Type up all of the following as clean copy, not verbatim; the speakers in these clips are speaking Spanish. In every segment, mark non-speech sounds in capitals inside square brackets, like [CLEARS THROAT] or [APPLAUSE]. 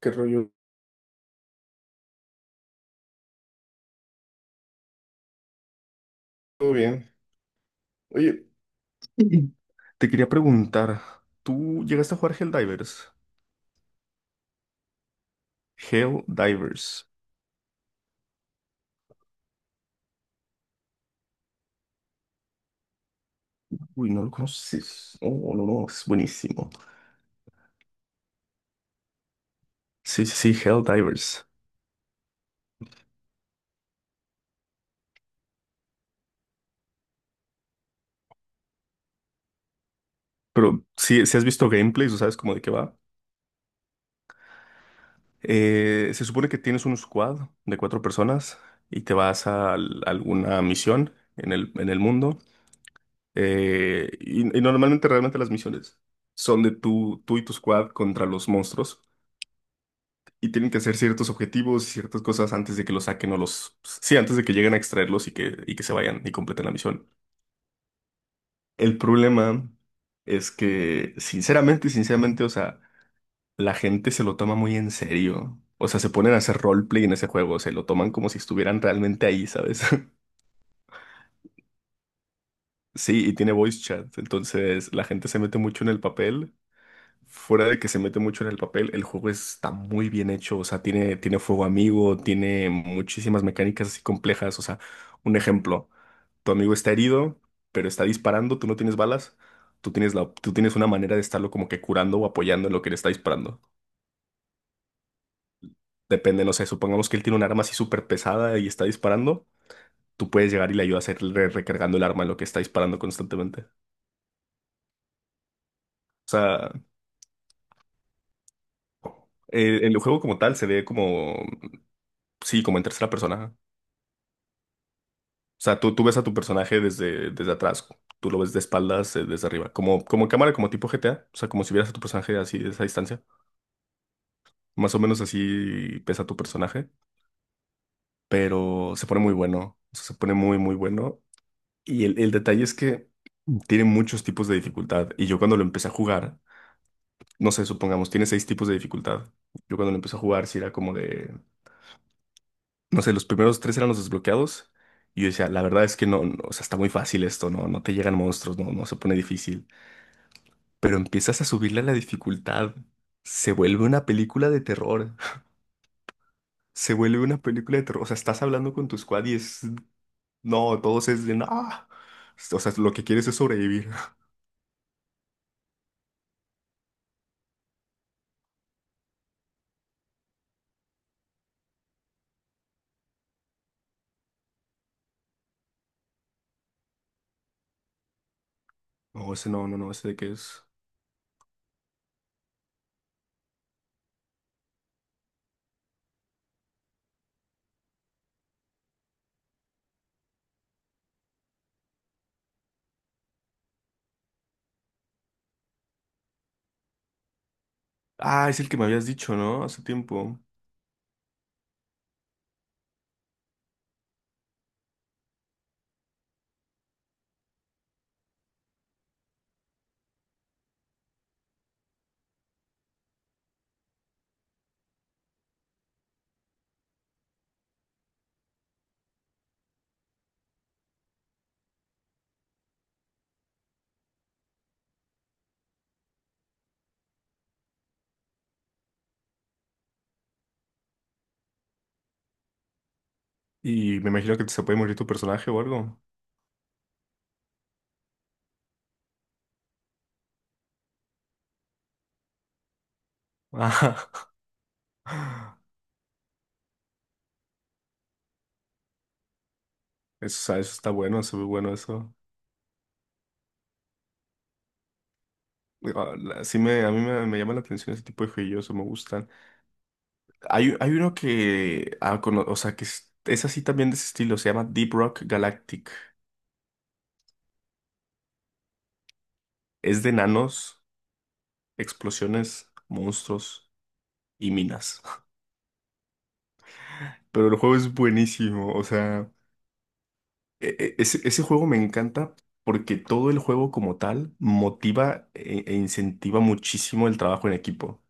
¿Qué rollo? ¿Todo bien? Oye, Mm. te quería preguntar, ¿tú llegaste a jugar Helldivers? Helldivers. Uy, no lo conoces. Oh, no, no, es buenísimo. Sí, sí, sí, Helldivers. Pero si, si has visto gameplays o sabes cómo de qué va. Se supone que tienes un squad de cuatro personas y te vas a, alguna misión en el mundo. Y normalmente realmente las misiones son de tú y tu squad contra los monstruos. Y tienen que hacer ciertos objetivos y ciertas cosas antes de que los saquen o los... Sí, antes de que lleguen a extraerlos y que se vayan y completen la misión. El problema es que, sinceramente, o sea, la gente se lo toma muy en serio. O sea, se ponen a hacer roleplay en ese juego, se lo toman como si estuvieran realmente ahí, ¿sabes? [LAUGHS] Sí, y tiene voice chat, entonces la gente se mete mucho en el papel. Fuera de que se mete mucho en el papel, el juego está muy bien hecho, o sea, tiene fuego amigo, tiene muchísimas mecánicas así complejas, o sea, un ejemplo, tu amigo está herido, pero está disparando, tú no tienes balas, tú tienes una manera de estarlo como que curando o apoyando en lo que le está disparando. Depende, no sé, supongamos que él tiene un arma así súper pesada y está disparando, tú puedes llegar y le ayudas a ir recargando el arma en lo que está disparando constantemente. O sea, el juego como tal se ve como, sí, como en tercera persona. O sea, tú ves a tu personaje desde atrás, tú lo ves de espaldas, desde arriba, como en cámara, como tipo GTA, o sea, como si vieras a tu personaje así, de esa distancia. Más o menos así pesa tu personaje, pero se pone muy bueno, o sea, se pone muy bueno. Y el detalle es que tiene muchos tipos de dificultad, y yo cuando lo empecé a jugar, no sé, supongamos, tiene seis tipos de dificultad. Yo cuando lo empecé a jugar, sí era como de, no sé, los primeros tres eran los desbloqueados. Y yo decía, la verdad es que no, no, o sea, está muy fácil esto, no, no te llegan monstruos, no, no se pone difícil. Pero empiezas a subirle la dificultad. Se vuelve una película de terror. [LAUGHS] Se vuelve una película de terror. O sea, estás hablando con tu squad y es. No, todos es de. No. O sea, lo que quieres es sobrevivir. [LAUGHS] No, ese no, ese de qué es. Ah, es el que me habías dicho, ¿no? Hace tiempo. Y me imagino que se puede morir tu personaje o algo. Ah, [LAUGHS] eso, o sea, eso está bueno, se ve bueno eso. Ah, sí me, me llama la atención ese tipo de juegos, me gustan. Hay uno que, ah, o sea, que es así también de ese estilo, se llama Deep Rock Galactic. Es de nanos, explosiones, monstruos y minas. [LAUGHS] Pero el juego es buenísimo, o sea, ese juego me encanta porque todo el juego como tal motiva e incentiva muchísimo el trabajo en equipo.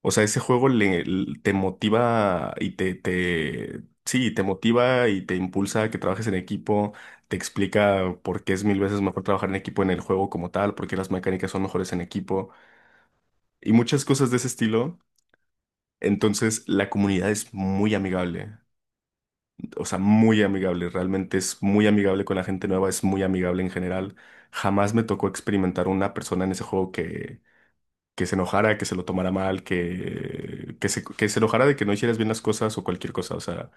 O sea, ese juego le, l- te motiva sí, te motiva y te impulsa a que trabajes en equipo, te explica por qué es mil veces mejor trabajar en equipo en el juego como tal, por qué las mecánicas son mejores en equipo y muchas cosas de ese estilo. Entonces, la comunidad es muy amigable, o sea, muy amigable, realmente es muy amigable con la gente nueva, es muy amigable en general. Jamás me tocó experimentar una persona en ese juego que se enojara, que se lo tomara mal, que se enojara de que no hicieras bien las cosas o cualquier cosa, o sea,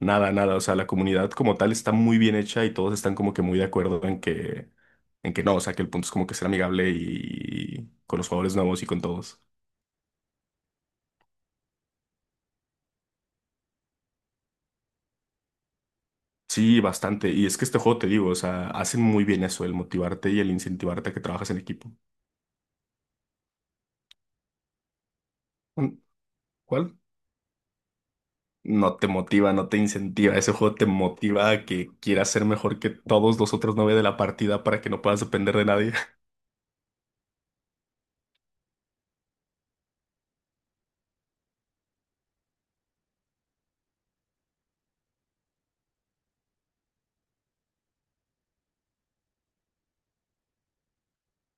nada, nada, o sea, la comunidad como tal está muy bien hecha y todos están como que muy de acuerdo en en que no, o sea, que el punto es como que ser amigable y con los jugadores nuevos y con todos. Sí, bastante. Y es que este juego, te digo, o sea, hacen muy bien eso, el motivarte y el incentivarte a que trabajas en equipo. Mm, ¿cuál? No te motiva, no te incentiva. Ese juego te motiva a que quieras ser mejor que todos los otros nueve de la partida para que no puedas depender de nadie.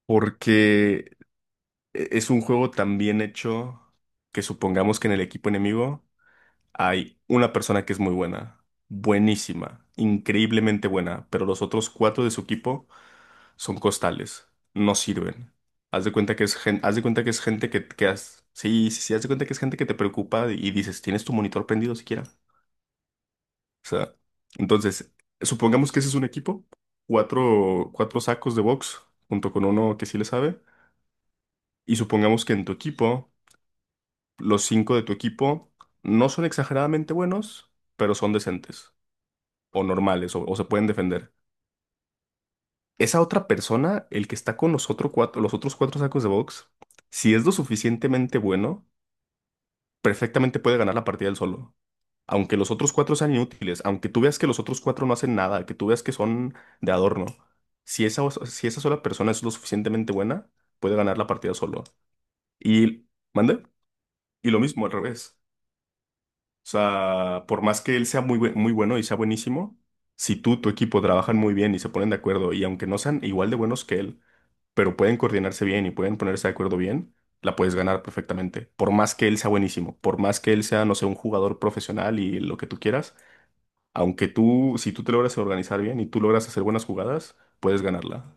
Porque es un juego tan bien hecho que supongamos que en el equipo enemigo hay una persona que es muy buena, buenísima, increíblemente buena, pero los otros cuatro de su equipo son costales, no sirven. Haz de cuenta que es gente, haz de cuenta que es gente sí, sí, sí, haz de cuenta que es gente que te preocupa y dices, ¿tienes tu monitor prendido siquiera? O sea, entonces, supongamos que ese es un equipo, cuatro sacos de box junto con uno que sí le sabe. Y supongamos que en tu equipo los cinco de tu equipo no son exageradamente buenos, pero son decentes o normales o se pueden defender. Esa otra persona, el que está con los, otro cuatro, los otros cuatro sacos de box, si es lo suficientemente bueno, perfectamente puede ganar la partida él solo. Aunque los otros cuatro sean inútiles, aunque tú veas que los otros cuatro no hacen nada, que tú veas que son de adorno, si si esa sola persona es lo suficientemente buena, puede ganar la partida solo. Y, mande, y lo mismo al revés. O sea, por más que él sea muy bueno y sea buenísimo, si tu equipo trabajan muy bien y se ponen de acuerdo, y aunque no sean igual de buenos que él, pero pueden coordinarse bien y pueden ponerse de acuerdo bien, la puedes ganar perfectamente. Por más que él sea buenísimo, por más que él sea, no sé, un jugador profesional y lo que tú quieras, si tú te logras organizar bien y tú logras hacer buenas jugadas, puedes ganarla.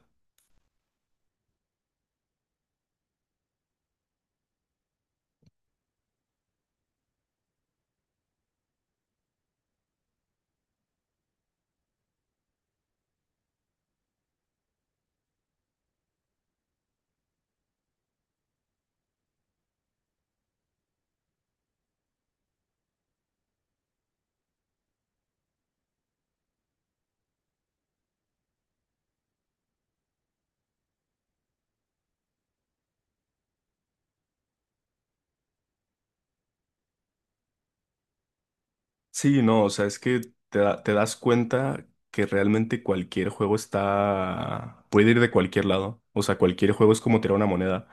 Sí, no, o sea, es que te das cuenta que realmente cualquier juego está, puede ir de cualquier lado. O sea, cualquier juego es como tirar una moneda.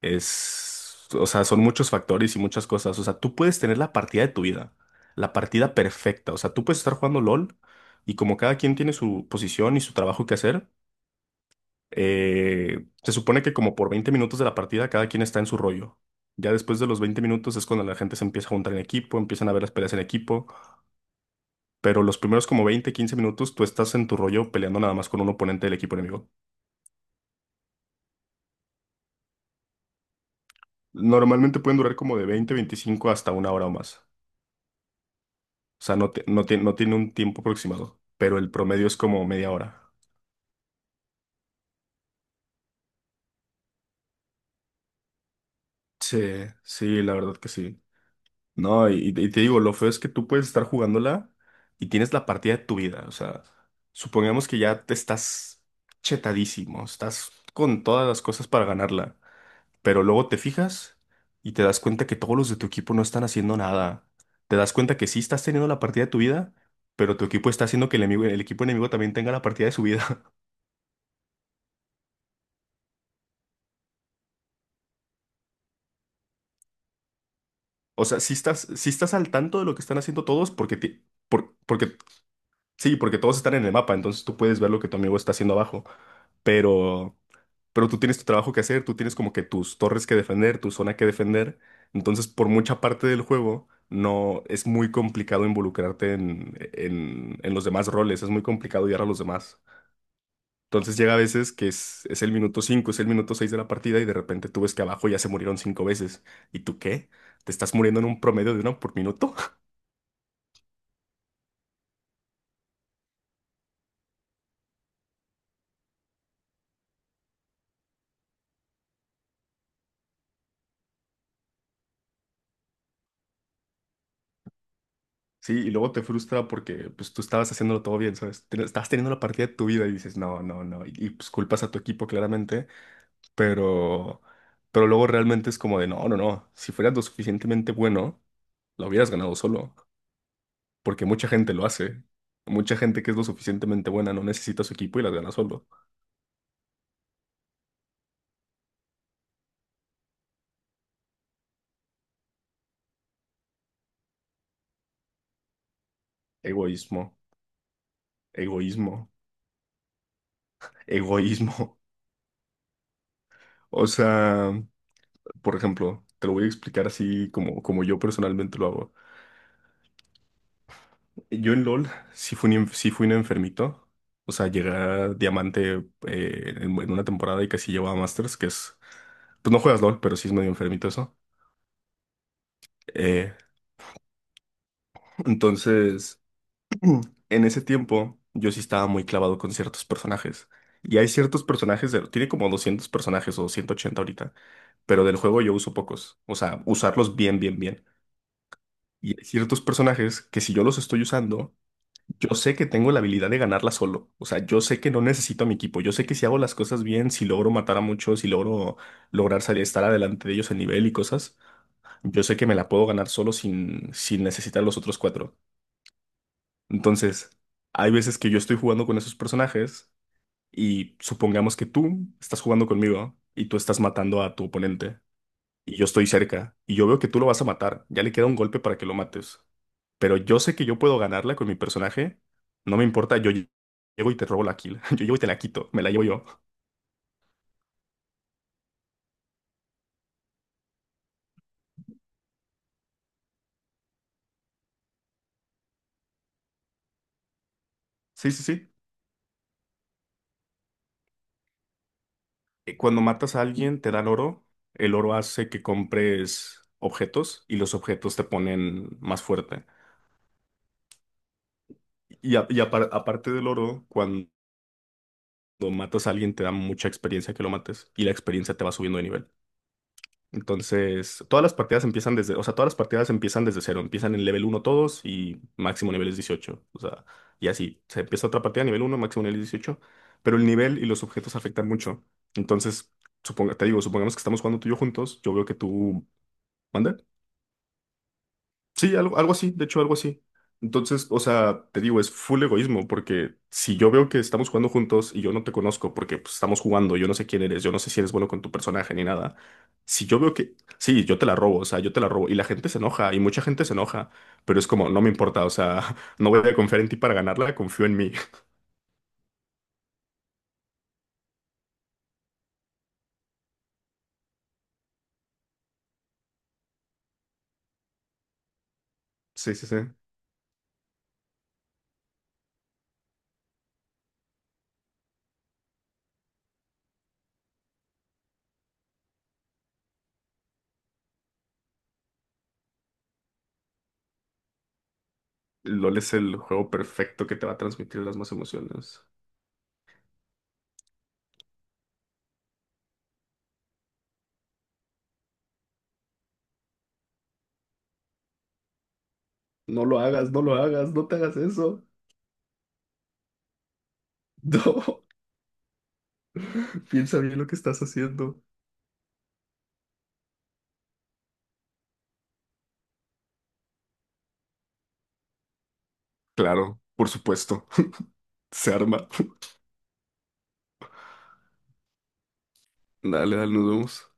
Es, o sea, son muchos factores y muchas cosas. O sea, tú puedes tener la partida de tu vida, la partida perfecta. O sea, tú puedes estar jugando LOL y como cada quien tiene su posición y su trabajo que hacer, se supone que como por 20 minutos de la partida cada quien está en su rollo. Ya después de los 20 minutos es cuando la gente se empieza a juntar en equipo, empiezan a ver las peleas en equipo. Pero los primeros como 20 15 minutos tú estás en tu rollo peleando nada más con un oponente del equipo enemigo. Normalmente pueden durar como de 20 25 hasta una hora o más. O sea, no tiene un tiempo aproximado, pero el promedio es como media hora. Sí, sí, la verdad que sí. No, y te digo, lo feo es que tú puedes estar jugándola y tienes la partida de tu vida. O sea, supongamos que ya te estás chetadísimo, estás con todas las cosas para ganarla, pero luego te fijas y te das cuenta que todos los de tu equipo no están haciendo nada. Te das cuenta que sí estás teniendo la partida de tu vida, pero tu equipo está haciendo que el equipo enemigo también tenga la partida de su vida. [LAUGHS] O sea, sí estás al tanto de lo que están haciendo todos porque, porque sí, porque todos están en el mapa, entonces tú puedes ver lo que tu amigo está haciendo abajo. Pero, pero tú tienes tu trabajo que hacer, tú tienes como que tus torres que defender, tu zona que defender. Entonces, por mucha parte del juego, no es muy complicado involucrarte en los demás roles, es muy complicado guiar a los demás. Entonces llega a veces que es el minuto 5, es el minuto 6 de la partida y de repente tú ves que abajo ya se murieron cinco veces. ¿Y tú qué? ¿Te estás muriendo en un promedio de uno por minuto? Sí, y luego te frustra porque pues tú estabas haciéndolo todo bien, ¿sabes? Estabas teniendo la partida de tu vida y dices, no, no, no, pues culpas a tu equipo claramente, pero, pero luego realmente es como de, no, no, no, si fueras lo suficientemente bueno, lo hubieras ganado solo, porque mucha gente lo hace, mucha gente que es lo suficientemente buena no necesita su equipo y las gana solo. Egoísmo, egoísmo, egoísmo. [LAUGHS] O sea, por ejemplo, te lo voy a explicar así como, como yo personalmente lo hago. Yo en LOL sí fui un, sí fui un enfermito. O sea, llegué a diamante en una temporada y casi llevaba Masters, que es... Pues no juegas LOL, pero sí es medio enfermito eso. Eh, entonces, [CLEARS THROAT] en ese tiempo yo sí estaba muy clavado con ciertos personajes. Y hay ciertos personajes, tiene como 200 personajes o 180 ahorita, pero del juego yo uso pocos. O sea, usarlos bien. Y hay ciertos personajes que si yo los estoy usando, yo sé que tengo la habilidad de ganarla solo. O sea, yo sé que no necesito a mi equipo. Yo sé que si hago las cosas bien, si logro matar a muchos, si logro lograr salir, estar adelante de ellos en nivel y cosas, yo sé que me la puedo ganar solo sin necesitar a los otros cuatro. Entonces, hay veces que yo estoy jugando con esos personajes y supongamos que tú estás jugando conmigo y tú estás matando a tu oponente y yo estoy cerca, y yo veo que tú lo vas a matar, ya le queda un golpe para que lo mates. Pero yo sé que yo puedo ganarla con mi personaje, no me importa, llego y te robo la kill, [LAUGHS] yo llego y te la quito, me la llevo yo. Sí, sí, sí. Cuando matas a alguien, te dan oro, el oro hace que compres objetos y los objetos te ponen más fuerte. Aparte del oro, cuando matas a alguien, te da mucha experiencia que lo mates y la experiencia te va subiendo de nivel. Entonces, todas las partidas empiezan desde, o sea, todas las partidas empiezan desde cero, empiezan en level uno todos y máximo nivel es 18, o sea, y así, se empieza otra partida a nivel uno máximo nivel es 18, pero el nivel y los objetos afectan mucho. Entonces, suponga, te digo, supongamos que estamos jugando tú y yo juntos, yo veo que tú, ¿mande? Sí, algo, algo así, de hecho, algo así. Entonces, o sea, te digo, es full egoísmo, porque si yo veo que estamos jugando juntos y yo no te conozco, porque pues, estamos jugando, yo no sé quién eres, yo no sé si eres bueno con tu personaje ni nada. Si yo veo que, sí, yo te la robo, o sea, yo te la robo, y la gente se enoja, y mucha gente se enoja, pero es como, no me importa, o sea, [LAUGHS] no voy a confiar en ti para ganarla, confío en mí. [LAUGHS] Sí, sí, sí. LOL es el juego perfecto que te va a transmitir las más emociones. No lo hagas, no lo hagas, no te hagas eso. [LAUGHS] No, piensa bien lo que estás haciendo. Claro, por supuesto. [LAUGHS] Se arma. [LAUGHS] Dale, dale, nos vemos.